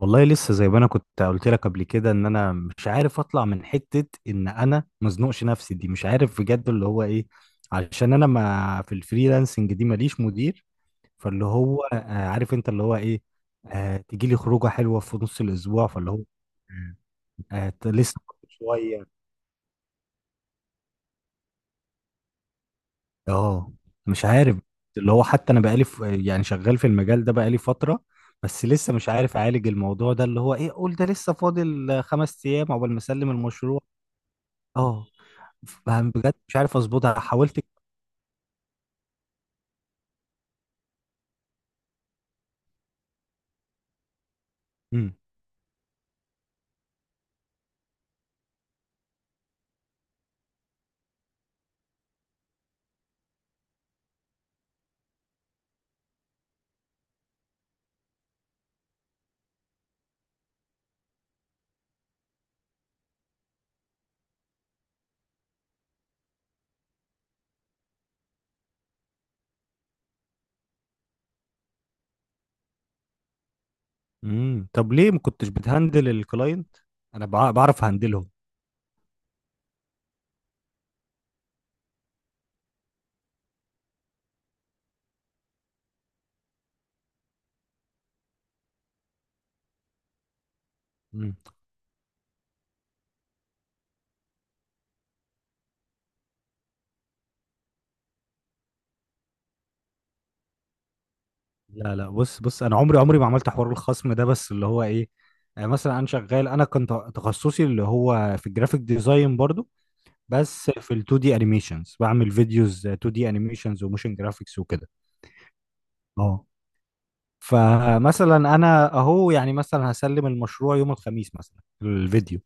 والله لسه زي ما انا كنت قلت لك قبل كده ان انا مش عارف اطلع من حتة ان انا مزنوقش نفسي دي مش عارف بجد اللي هو ايه، علشان انا ما في الفريلانسنج دي ماليش مدير. فاللي هو عارف انت اللي هو ايه، آه تيجي لي خروجة حلوة في نص الاسبوع فاللي هو آه لسه شوية. اه مش عارف. اللي هو حتى انا بقالي يعني شغال في المجال ده بقالي فترة، بس لسه مش عارف اعالج الموضوع ده اللي هو ايه، قول ده لسه فاضل خمس ايام عقبال ما اسلم المشروع. اه ما بجد مش عارف اظبطها، حاولت. امم طب ليه ما كنتش بتهندل الكلاينت؟ انا بعرف هندلهم. امم لا بص، انا عمري ما عملت حوار الخصم ده، بس اللي هو ايه، مثلا انا شغال، انا كنت تخصصي اللي هو في الجرافيك ديزاين برضو، بس في ال 2 دي انيميشنز، بعمل فيديوز 2 دي انيميشنز وموشن جرافيكس وكده. اه فمثلا انا اهو، يعني مثلا هسلم المشروع يوم الخميس مثلا الفيديو،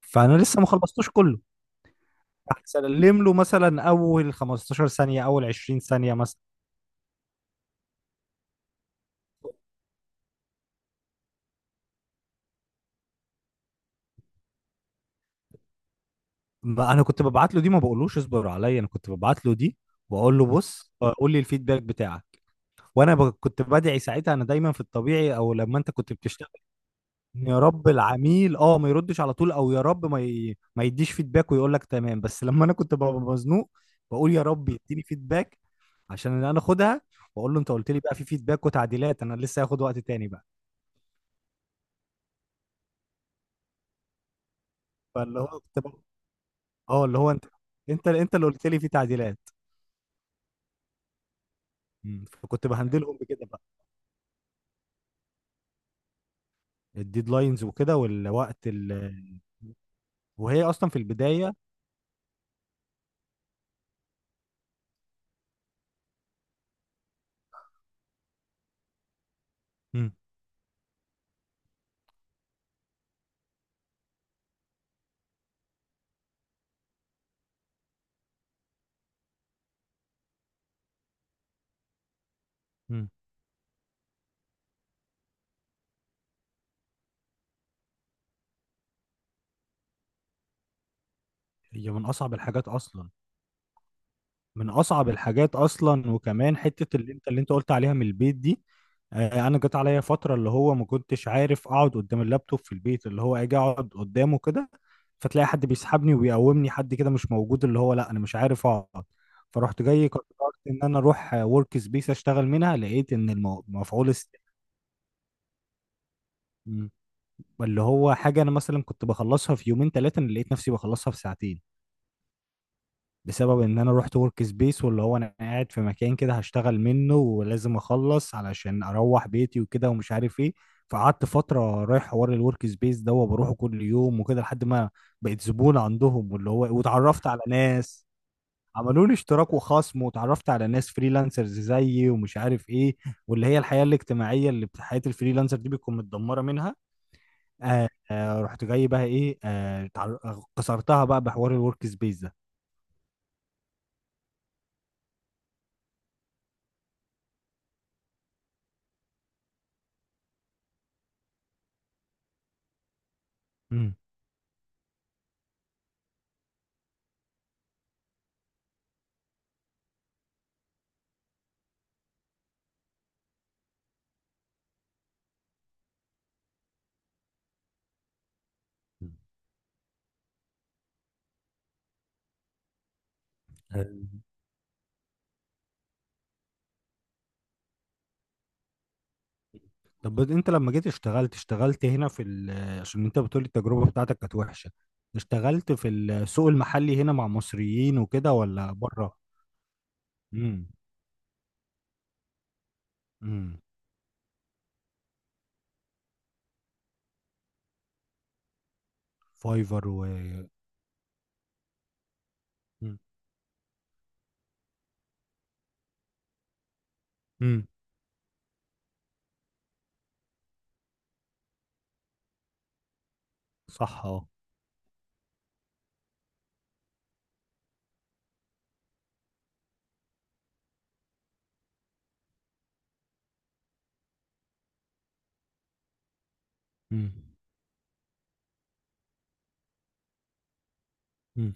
فانا لسه ما خلصتوش كله. سلم له مثلا اول 15 ثانيه اول 20 ثانيه مثلا. ما انا كنت ببعت له دي، ما بقولوش اصبر عليا، انا كنت ببعت له دي واقول له بص قول لي الفيدباك بتاعك. وانا كنت بدعي ساعتها، انا دايما في الطبيعي او لما انت كنت بتشتغل، إن يا رب العميل اه ما يردش على طول، او يا رب ما يديش فيدباك ويقول لك تمام. بس لما انا كنت ببقى مزنوق بقول يا رب يديني فيدباك عشان انا اخدها واقول له انت قلت لي بقى في فيدباك وتعديلات، انا لسه هاخد وقت تاني بقى. فاللي هو كنت اه اللي هو انت، انت اللي قلت لي فيه تعديلات. مم. فكنت بهندلهم بكده بقى. الديدلاينز وكده، والوقت وهي اصلا في البدايه. مم. مم. هي من اصعب الحاجات اصلا. من اصعب الحاجات اصلا، وكمان حته اللي انت قلت عليها من البيت دي. انا جت عليا فتره اللي هو ما كنتش عارف اقعد قدام اللابتوب في البيت، اللي هو اجي اقعد قدامه كده فتلاقي حد بيسحبني وبيقومني، حد كده مش موجود، اللي هو لا انا مش عارف اقعد. فرحت جاي قررت ان انا اروح ورك سبيس اشتغل منها، لقيت ان مفعول م. اللي هو حاجه انا مثلا كنت بخلصها في يومين ثلاثه، انا لقيت نفسي بخلصها في ساعتين، بسبب ان انا رحت ورك سبيس واللي هو انا قاعد في مكان كده هشتغل منه ولازم اخلص علشان اروح بيتي وكده ومش عارف ايه. فقعدت فترة رايح حوار الورك سبيس ده وبروحه كل يوم وكده لحد ما بقيت زبون عندهم، واللي هو واتعرفت على ناس، عملوا لي اشتراك وخصم واتعرفت على ناس فريلانسرز زيي ومش عارف ايه، واللي هي الحياة الاجتماعية اللي حياة الفريلانسر دي بتكون متدمرة منها. آه رحت جاي بقى ايه آه كسرتها بقى بحوار الورك سبيس ده. مم. طب انت لما جيت اشتغلت، اشتغلت هنا في عشان انت بتقول التجربة بتاعتك كانت وحشة، اشتغلت في السوق المحلي هنا مع مصريين وكده ولا بره؟ امم امم فايفر و... امم إمم. صح اه امم امم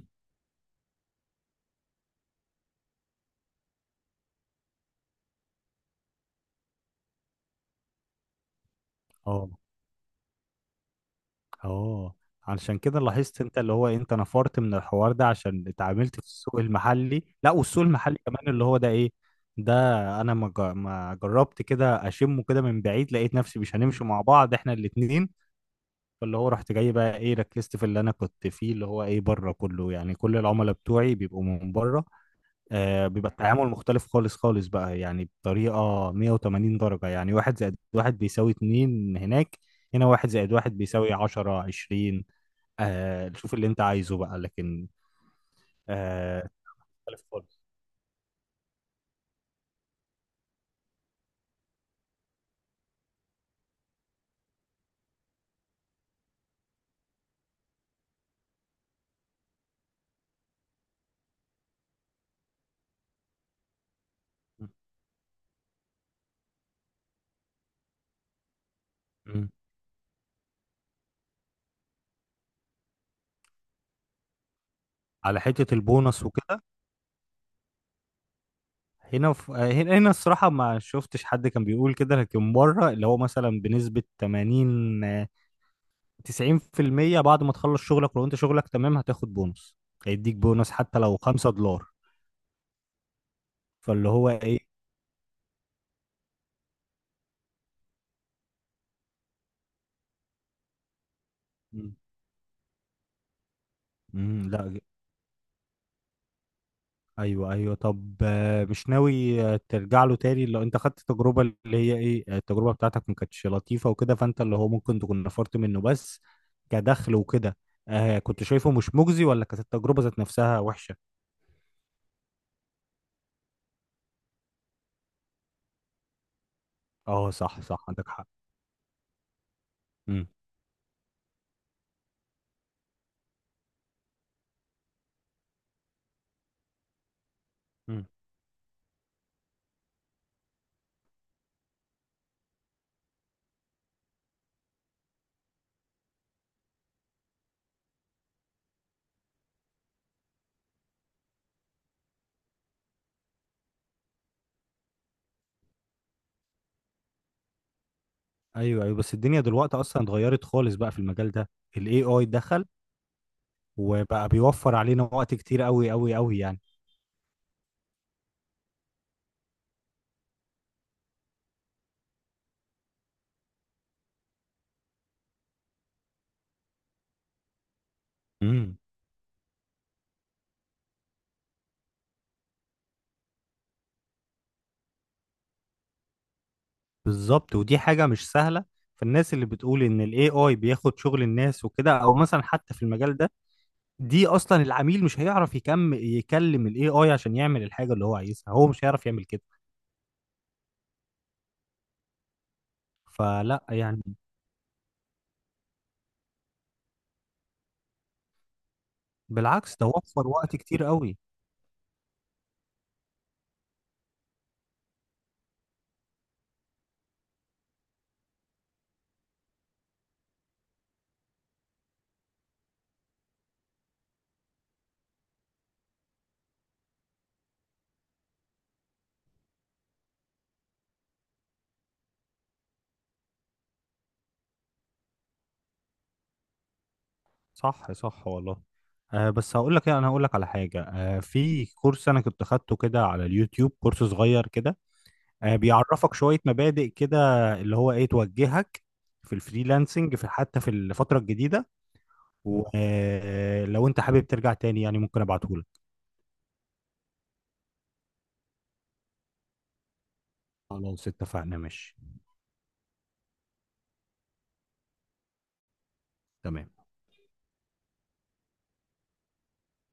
اه اه. علشان كده لاحظت انت اللي هو انت نفرت من الحوار ده عشان اتعاملت في السوق المحلي؟ لا والسوق المحلي كمان اللي هو ده ايه ده، انا ما جربت كده اشمه كده من بعيد، لقيت نفسي مش هنمشي مع بعض احنا الاتنين. فاللي هو رحت جاي بقى ايه، ركزت في اللي انا كنت فيه اللي هو ايه بره كله، يعني كل العملاء بتوعي بيبقوا من بره. آه بيبقى التعامل مختلف خالص بقى، يعني بطريقة 180 درجة، يعني واحد زائد واحد بيساوي اتنين هناك، هنا واحد زائد واحد بيساوي عشرة عشرين، آه شوف اللي انت عايزه بقى. لكن آه مختلف خالص. م- م. على حتة البونص وكده، هنا في هنا الصراحة ما شفتش حد كان بيقول كده، لكن بره اللي هو مثلا بنسبة 80 90% بعد ما تخلص شغلك، ولو انت شغلك تمام هتاخد بونص، هيديك بونص حتى لو 5$. فاللي هو ايه. مم. مم، لا ج- ايوه طب مش ناوي ترجع له تاني؟ لو انت خدت تجربة اللي هي ايه، التجربة بتاعتك ما كانتش لطيفة وكده، فانت اللي هو ممكن تكون نفرت منه، بس كدخل وكده آه كنت شايفه مش مجزي ولا كانت التجربة ذات نفسها وحشة؟ اه صح صح عندك حق مم. مم. ايوه بس الدنيا دلوقتي اصلا اتغيرت خالص بقى في المجال ده، الاي اي دخل وبقى بيوفر علينا وقت كتير قوي يعني. امم بالظبط ودي حاجة مش سهلة. فالناس اللي بتقول ان الاي اي بياخد شغل الناس وكده، او مثلا حتى في المجال ده، دي اصلا العميل مش هيعرف يكلم الاي اي عشان يعمل الحاجة اللي هو عايزها، هو مش هيعرف يعمل كده، فلا يعني. بالعكس ده وفر وقت كتير قوي. صح والله. آه بس هقول لك ايه، انا هقول لك على حاجة آه في كورس انا كنت خدته كده على اليوتيوب، كورس صغير كده، بيعرفك شوية مبادئ كده اللي هو ايه توجهك في الفريلانسنج في حتى في الفترة الجديدة، ولو انت حابب ترجع تاني يعني ممكن ابعتهولك. خلاص اتفقنا ماشي تمام.